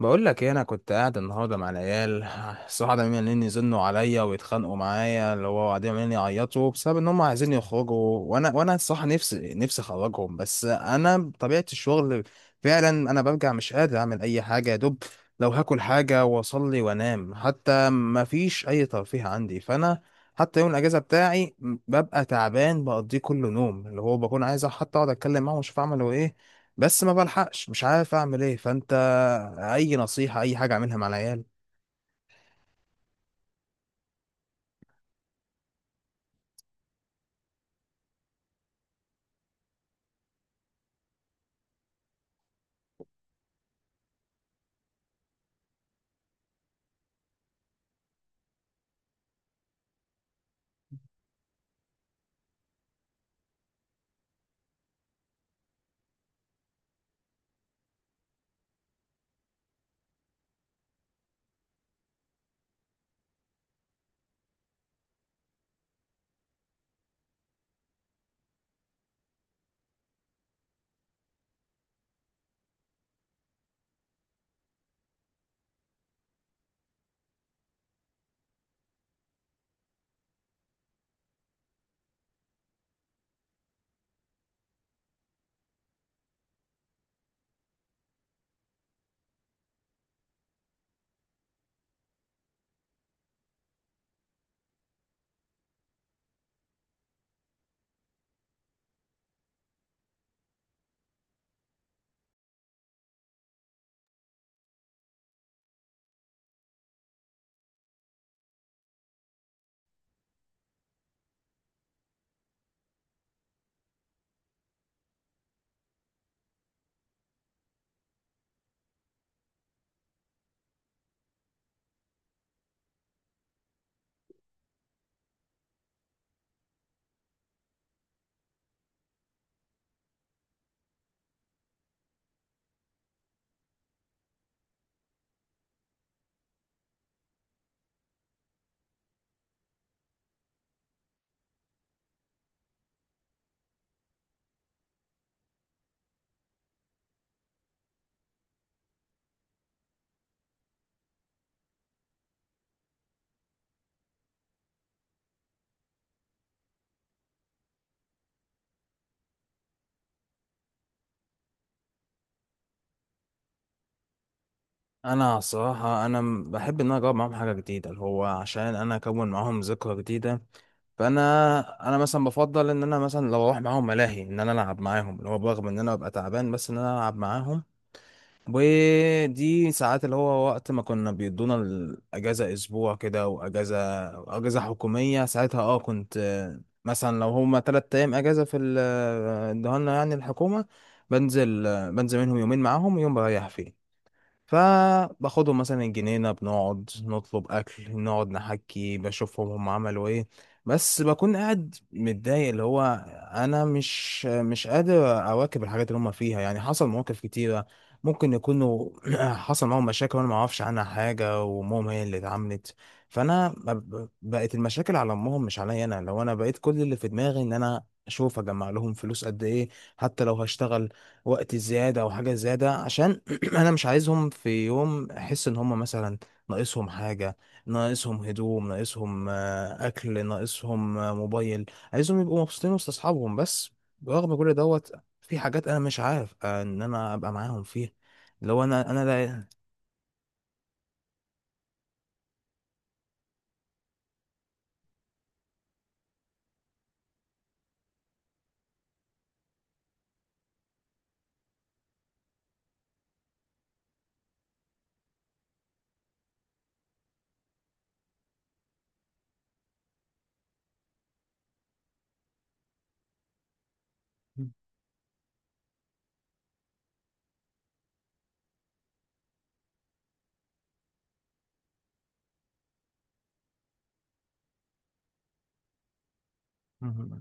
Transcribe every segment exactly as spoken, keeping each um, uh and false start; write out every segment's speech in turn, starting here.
بقول لك ايه، انا كنت قاعد النهارده مع العيال. الصراحه ده عمالين يزنوا عليا ويتخانقوا معايا، اللي هو قاعدين عمالين يعيطوا بسبب ان هم عايزين يخرجوا. وانا وانا الصراحه نفسي نفسي اخرجهم، بس انا بطبيعه الشغل فعلا انا برجع مش قادر اعمل اي حاجه، يا دوب لو هاكل حاجه واصلي وانام، حتى ما فيش اي ترفيه عندي. فانا حتى يوم الاجازه بتاعي ببقى تعبان بقضيه كله نوم، اللي هو بكون عايز حتى اقعد اتكلم معاهم واشوف اعملوا ايه، بس ما بلحقش، مش عارف اعمل ايه. فانت اي نصيحة، اي حاجة اعملها مع العيال؟ انا صراحة انا م- بحب ان انا اجرب معاهم حاجة جديدة، اللي هو عشان انا اكون معاهم ذكرى جديدة. فانا انا مثلا بفضل ان انا مثلا لو اروح معاهم ملاهي ان انا العب معاهم، اللي هو برغم ان انا ببقى تعبان بس ان انا العب معاهم. ودي ساعات اللي هو وقت ما كنا بيدونا الأجازة أسبوع كده، وأجازة أجازة حكومية ساعتها اه كنت، آه، مثلا لو هما تلات أيام أجازة في ال- آه، ادوها لنا يعني الحكومة، بنزل آه، بنزل منهم يومين معاهم ويوم بريح فيه. فباخدهم مثلا الجنينة، بنقعد نطلب أكل، نقعد نحكي، بشوفهم هم عملوا إيه. بس بكون قاعد متضايق اللي هو أنا مش مش قادر أواكب الحاجات اللي هم فيها. يعني حصل مواقف كتيرة ممكن يكونوا حصل معاهم مشاكل وأنا معرفش عنها حاجة، وأمهم هي اللي اتعملت. فأنا ب- بقت المشاكل على أمهم مش عليا أنا. لو أنا بقيت كل اللي في دماغي إن أنا أشوف أجمع لهم فلوس قد إيه، حتى لو هشتغل وقت زيادة أو حاجة زيادة، عشان انا مش عايزهم في يوم احس ان هم مثلا ناقصهم حاجه، ناقصهم هدوم، ناقصهم آه، اكل، ناقصهم آه، موبايل. عايزهم يبقوا مبسوطين وسط اصحابهم. بس برغم كل دوت في حاجات انا مش عارف آه، ان انا ابقى معاهم فيها. لو انا انا لا.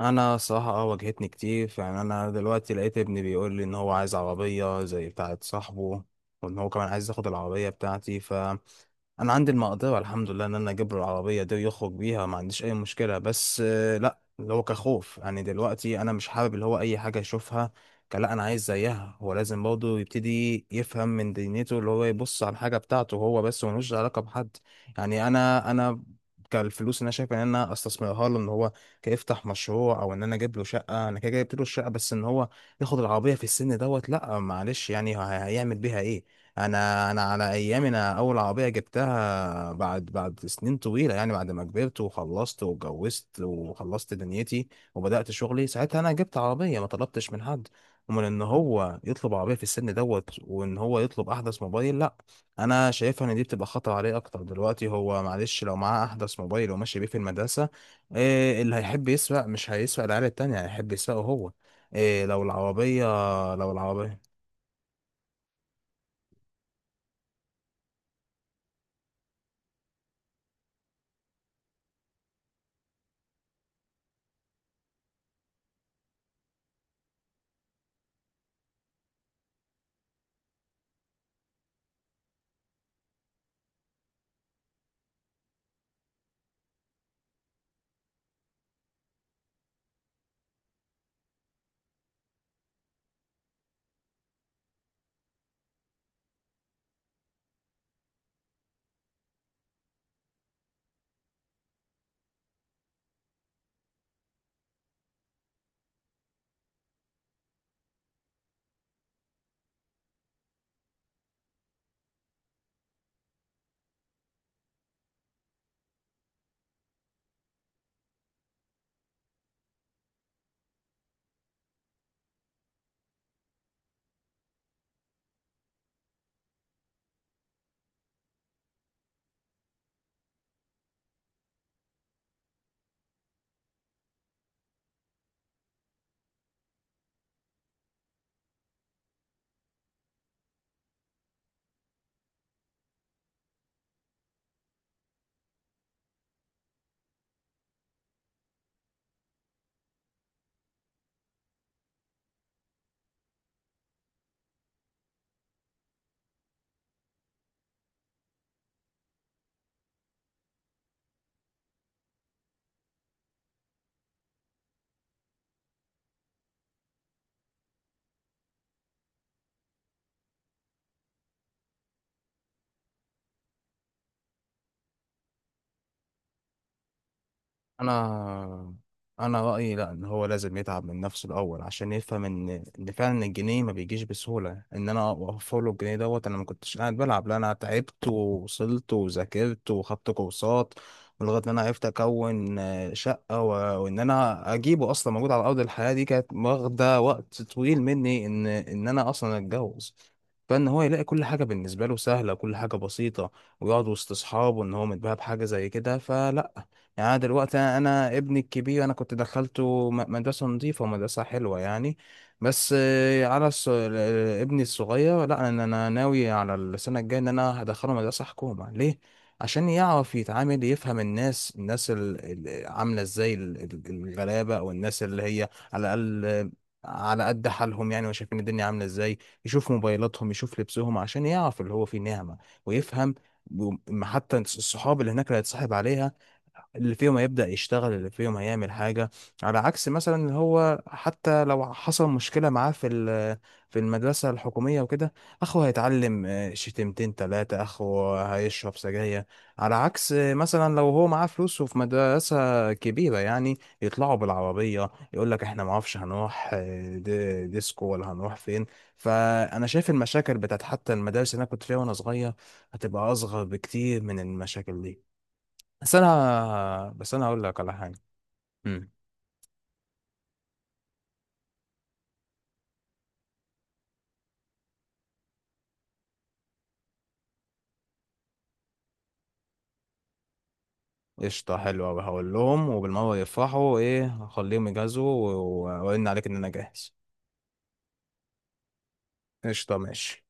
انا صراحة اه واجهتني كتير. يعني انا دلوقتي لقيت ابني بيقول لي ان هو عايز عربية زي بتاعة صاحبه، وان هو كمان عايز ياخد العربية بتاعتي. ف انا عندي المقدرة الحمد لله ان انا اجيب له العربية دي ويخرج بيها، ما عنديش اي مشكلة، بس آه، لا، اللي هو كخوف. يعني دلوقتي انا مش حابب اللي هو اي حاجة يشوفها كان لا انا عايز زيها. هو لازم برضه يبتدي يفهم من دنيته اللي هو يبص على الحاجة بتاعته هو بس، وملوش علاقة بحد. يعني انا انا كالفلوس اللي انا شايف ان انا استثمرها له ان هو كيفتح مشروع، او ان انا اجيب له شقه. انا كده جبت له الشقه، بس ان هو ياخد العربيه في السن دوت لا، معلش. يعني ه- هيعمل بيها ايه؟ انا انا على ايامي انا اول عربيه جبتها بعد بعد سنين طويله، يعني بعد ما كبرت وخلصت واتجوزت وخلصت دنيتي وبدات شغلي، ساعتها انا جبت عربيه. ما طلبتش من حد. ومن ان هو يطلب عربيه في السن دوت وان هو يطلب احدث موبايل، لا. انا شايفها ان دي بتبقى خطر عليه اكتر. دلوقتي هو معلش لو معاه احدث موبايل وماشي بيه في المدرسه، إيه اللي هيحب يسوق؟ مش هيسوق العيال التانية، هيحب يسوقه هو. إيه لو العربية، لو العربية انا انا رايي لا. ان هو لازم يتعب من نفسه الاول عشان يفهم ان ان فعلا الجنيه ما بيجيش بسهوله، ان انا اوفر له الجنيه دوت انا ما كنتش قاعد بلعب. لا، انا تعبت ووصلت وذاكرت وخدت كورسات لغايه ان انا عرفت اكون آه، شقه و... وان انا اجيبه اصلا موجود على ارض الحياه دي، كانت واخده وقت طويل مني ان ان انا اصلا اتجوز. فان هو يلاقي كل حاجه بالنسبه له سهله، كل حاجه بسيطه، ويقعد وسط اصحابه ان هو متباهى بحاجه زي كده، فلا. يعني أنا دلوقتي انا ابني الكبير انا كنت دخلته م- مدرسه نظيفه ومدرسه حلوه يعني. بس آه، على الص... ابني الصغير لا. انا أنا ناوي على السنه الجايه ان انا هدخله مدرسه حكومه. ليه؟ عشان يعرف يتعامل، يفهم الناس الناس ال- ال- عامله ازاي، ال- ال- الغلابه او الناس اللي هي على الاقل آه، على قد حالهم يعني، وشايفين الدنيا عامله ازاي. يشوف موبايلاتهم، يشوف لبسهم، عشان يعرف اللي هو فيه نعمه ويفهم. وم- حتى الصحاب اللي هناك اللي هيتصاحب عليها، اللي فيهم هيبدأ يشتغل، اللي فيهم هيعمل حاجة. على عكس مثلا اللي هو حتى لو حصل مشكلة معاه في ال- في المدرسة الحكومية وكده، أخوه هيتعلم آه، شتيمتين تلاتة، أخوه هيشرب سجاير. على عكس آه، مثلا لو هو معاه فلوس وفي مدرسة كبيرة، يعني يطلعوا بالعربية يقول لك احنا معرفش هنروح آه، دي- ديسكو ولا هنروح فين. فأنا شايف المشاكل بتاعت حتى المدارس اللي أنا كنت فيها وأنا صغير هتبقى أصغر بكتير من المشاكل دي. بس انا بس انا هقول لك على حاجه. امم قشطه، حلوه قوي، هقول لهم وبالمره يفرحوا. ايه، هخليهم يجهزوا و- واقول عليك ان انا جاهز. قشطه، ماشي.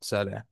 سلام.